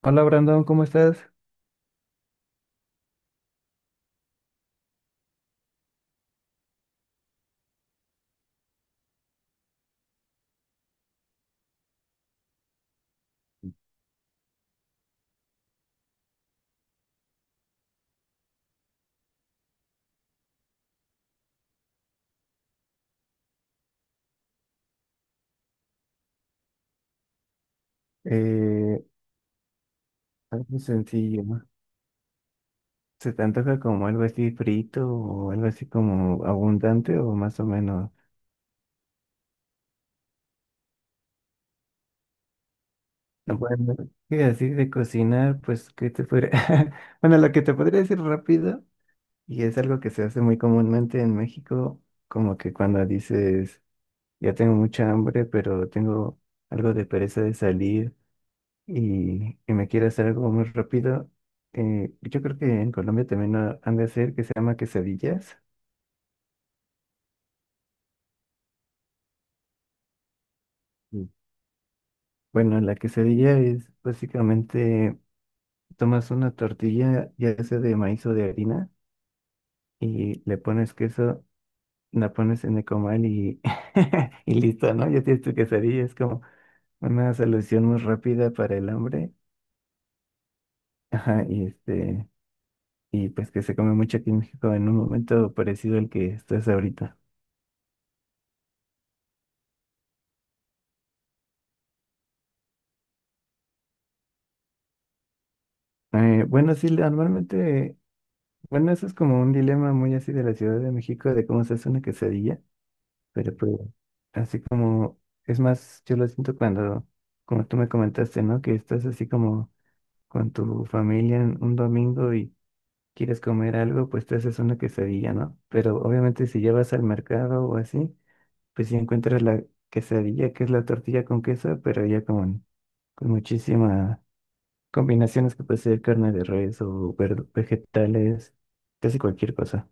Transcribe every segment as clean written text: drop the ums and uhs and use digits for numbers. Hola Brandon, ¿cómo estás? Eh, Algo sencillo, ¿no? ¿Se te antoja como algo así frito o algo así como abundante o más o menos? No, bueno, y así de cocinar, pues, ¿qué te podría...? Bueno, lo que te podría decir rápido, y es algo que se hace muy comúnmente en México, como que cuando dices, ya tengo mucha hambre, pero tengo algo de pereza de salir, y me quiere hacer algo muy rápido. Yo creo que en Colombia también han de hacer que se llama quesadillas. Mm. Bueno, la quesadilla es básicamente tomas una tortilla, ya sea de maíz o de harina, y le pones queso, la pones en el comal y, y listo, ¿no? Ya tienes tu quesadilla, es como una solución muy rápida para el hambre. Ajá, y este, y pues que se come mucho aquí en México en un momento parecido al que estás ahorita. Bueno, sí, normalmente, bueno, eso es como un dilema muy así de la Ciudad de México, de cómo se hace una quesadilla, pero pues así como, es más, yo lo siento cuando, como tú me comentaste, ¿no? Que estás así como con tu familia en un domingo y quieres comer algo, pues te haces una quesadilla, ¿no? Pero obviamente si llevas al mercado o así, pues si encuentras la quesadilla, que es la tortilla con queso, pero ya con muchísima combinaciones que puede ser carne de res o vegetales, casi cualquier cosa.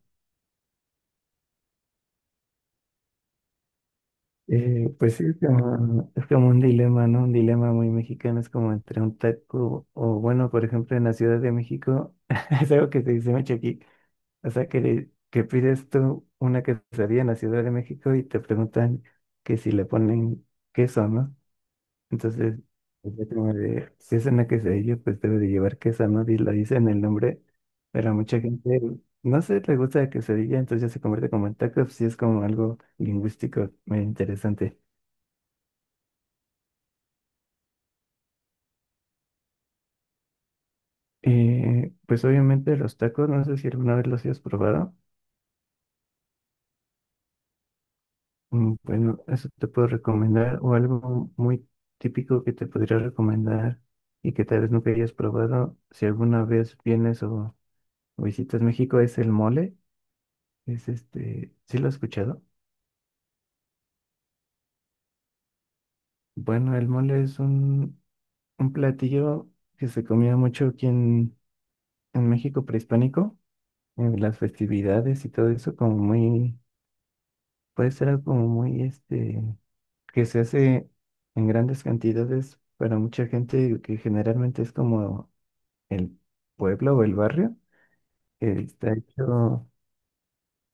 Pues sí, es como un dilema, ¿no? Un dilema muy mexicano, es como entre un taco o, bueno, por ejemplo, en la Ciudad de México, es algo que se dice mucho aquí, o sea, que, que pides tú una quesadilla en la Ciudad de México y te preguntan que si le ponen queso, ¿no? Entonces, pues, ya como de, si es una quesadilla, pues debe de llevar queso, ¿no? Y lo dice en el nombre, pero a mucha gente, no sé, le gusta la quesadilla, entonces ya se convierte como en taco, pues sí es como algo lingüístico muy interesante. Pues obviamente los tacos, no sé si alguna vez los hayas probado. Mm, bueno, eso te puedo recomendar, o algo muy típico que te podría recomendar y que tal vez nunca hayas probado, si alguna vez vienes o visitas México, es el mole. Es este, ¿sí lo has escuchado? Bueno, el mole es un platillo que se comía mucho aquí en México prehispánico, en las festividades y todo eso, como muy, puede ser algo como muy, este, que se hace en grandes cantidades para mucha gente, que generalmente es como el pueblo o el barrio, que está hecho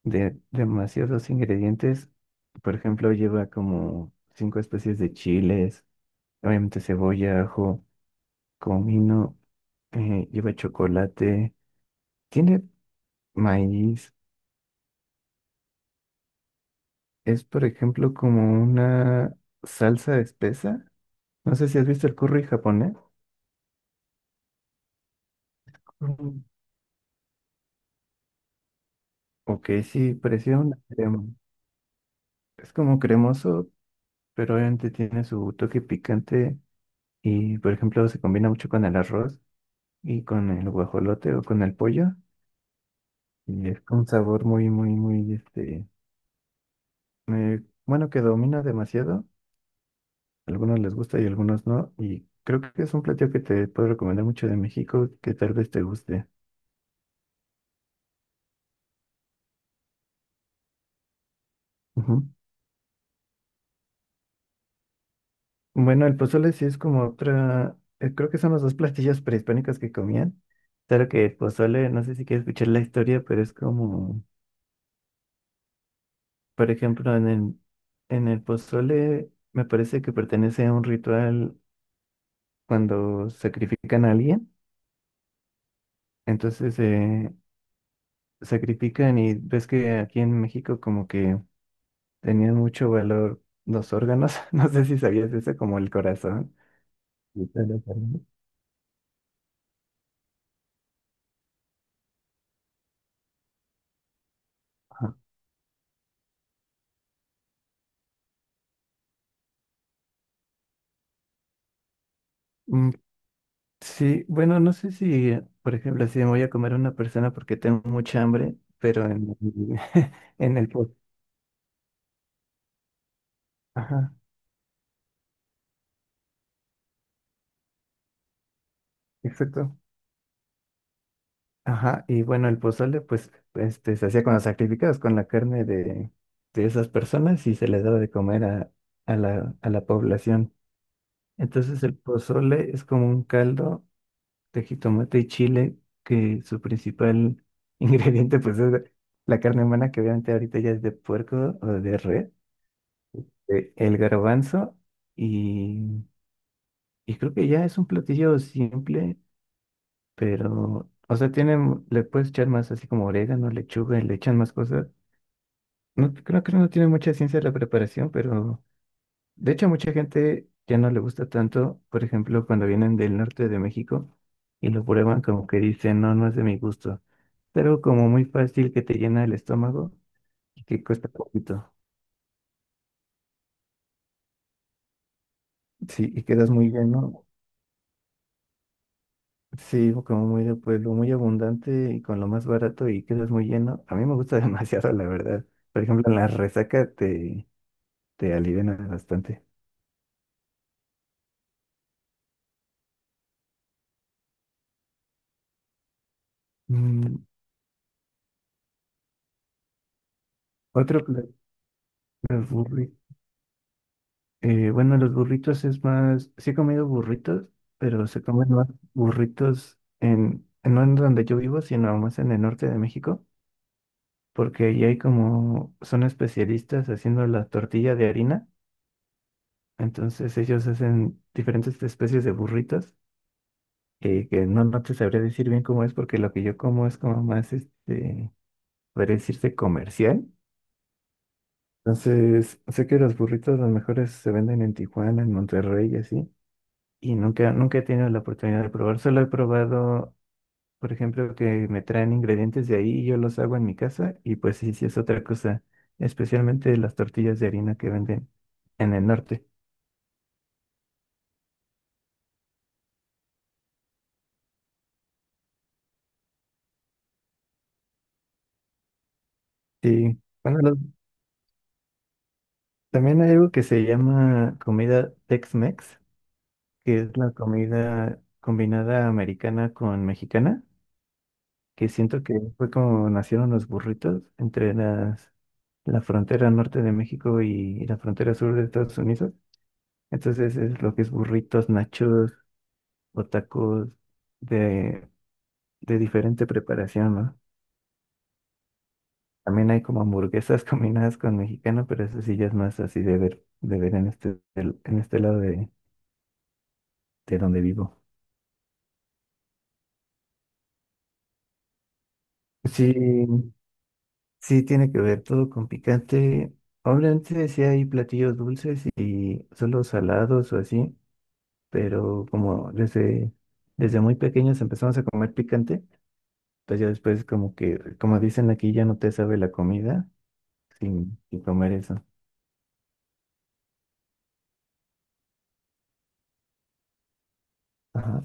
de demasiados ingredientes. Por ejemplo, lleva como cinco especies de chiles, obviamente cebolla, ajo, comino. Lleva chocolate, tiene maíz, es por ejemplo como una salsa espesa. No sé si has visto el curry japonés. Mm. Ok, sí, parecía una crema. Es como cremoso, pero obviamente tiene su toque picante y por ejemplo se combina mucho con el arroz y con el guajolote o con el pollo. Y es un sabor muy, muy, muy, este, bueno, que domina demasiado. Algunos les gusta y algunos no. Y creo que es un platillo que te puedo recomendar mucho de México, que tal vez te guste. Ujú. Bueno, el pozole sí es como otra, creo que son los dos platillos prehispánicos que comían. Claro que el pozole, no sé si quieres escuchar la historia, pero es como, por ejemplo, en el pozole me parece que pertenece a un ritual cuando sacrifican a alguien. Entonces, sacrifican y ves que aquí en México como que tenían mucho valor los órganos. No sé si sabías eso, como el corazón. Sí, te lo permito. Ajá. Mm, sí, bueno, no sé si, por ejemplo, si me voy a comer a una persona porque tengo mucha hambre, pero en, en el pozole. Ajá, exacto. Ajá, y bueno, el pozole, pues, este, se hacía con los sacrificados, con la carne de esas personas y se les daba de comer a la población. Entonces el pozole es como un caldo de jitomate y chile, que su principal ingrediente pues es la carne humana, que obviamente ahorita ya es de puerco o de res, el garbanzo y, y creo que ya es un platillo simple, pero, o sea, tiene, le puedes echar más así como orégano, lechuga, y le echan más cosas. No, creo que no tiene mucha ciencia la preparación, pero de hecho, mucha gente ya no le gusta tanto, por ejemplo, cuando vienen del norte de México y lo prueban como que dicen, no, no es de mi gusto. Pero como muy fácil que te llena el estómago y que cuesta poquito. Sí, y quedas muy lleno. Sí, como muy de pueblo, muy abundante y con lo más barato y quedas muy lleno. A mí me gusta demasiado, la verdad. Por ejemplo, en la resaca te, te aliviana bastante. Mm, otro plato. Bueno, los burritos es más, sí he comido burritos, pero se comen más burritos en, no en donde yo vivo, sino más en el norte de México, porque ahí hay como, son especialistas haciendo la tortilla de harina, entonces ellos hacen diferentes especies de burritos, que no, no te sabría decir bien cómo es, porque lo que yo como es como más, este, podría decirse comercial. Entonces, sé que los burritos los mejores se venden en Tijuana, en Monterrey y así. Y nunca, nunca he tenido la oportunidad de probar. Solo he probado, por ejemplo, que me traen ingredientes de ahí y yo los hago en mi casa. Y pues sí, sí es otra cosa. Especialmente las tortillas de harina que venden en el norte. Sí. Bueno, también hay algo que se llama comida Tex-Mex, que es la comida combinada americana con mexicana, que siento que fue como nacieron los burritos entre las, la frontera norte de México y la frontera sur de Estados Unidos. Entonces es lo que es burritos, nachos o tacos de, de diferente preparación, ¿no? También hay como hamburguesas combinadas con mexicano, pero eso sí ya es más así de ver en este, en este lado de donde vivo. Sí, sí tiene que ver todo con picante. Obviamente sí hay platillos dulces y solo salados o así, pero como desde, desde muy pequeños empezamos a comer picante, pues ya después como que, como dicen aquí, ya no te sabe la comida sin, sin comer eso. Ajá.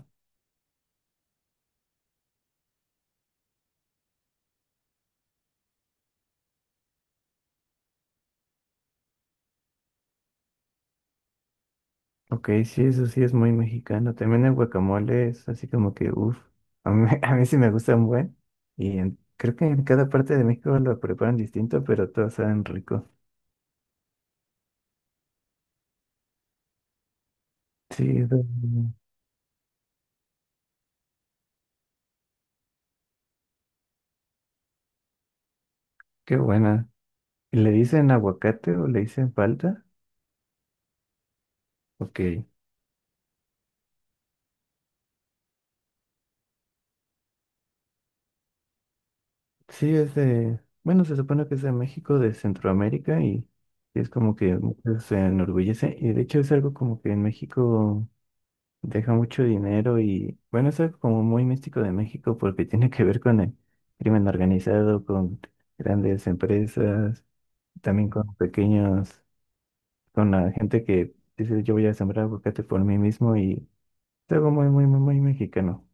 Ok, sí, eso sí es muy mexicano. También el guacamole es así como que, uff, a mí, a mí sí me gusta un buen. Y creo que en cada parte de México lo preparan distinto, pero todos saben rico. Sí, eso, qué buena. ¿Y le dicen aguacate o le dicen palta? Ok. Sí, es de, bueno, se supone que es de México, de Centroamérica y es como que muchos se enorgullece. Y de hecho es algo como que en México deja mucho dinero y bueno, eso es como muy místico de México porque tiene que ver con el crimen organizado, con grandes empresas, también con pequeños, con la gente que dice yo voy a sembrar aguacate por mí mismo y es algo muy, muy, muy, muy mexicano.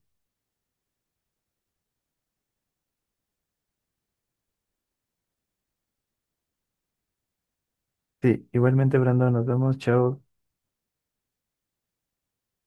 Sí, igualmente, Brandon, nos vemos, chao.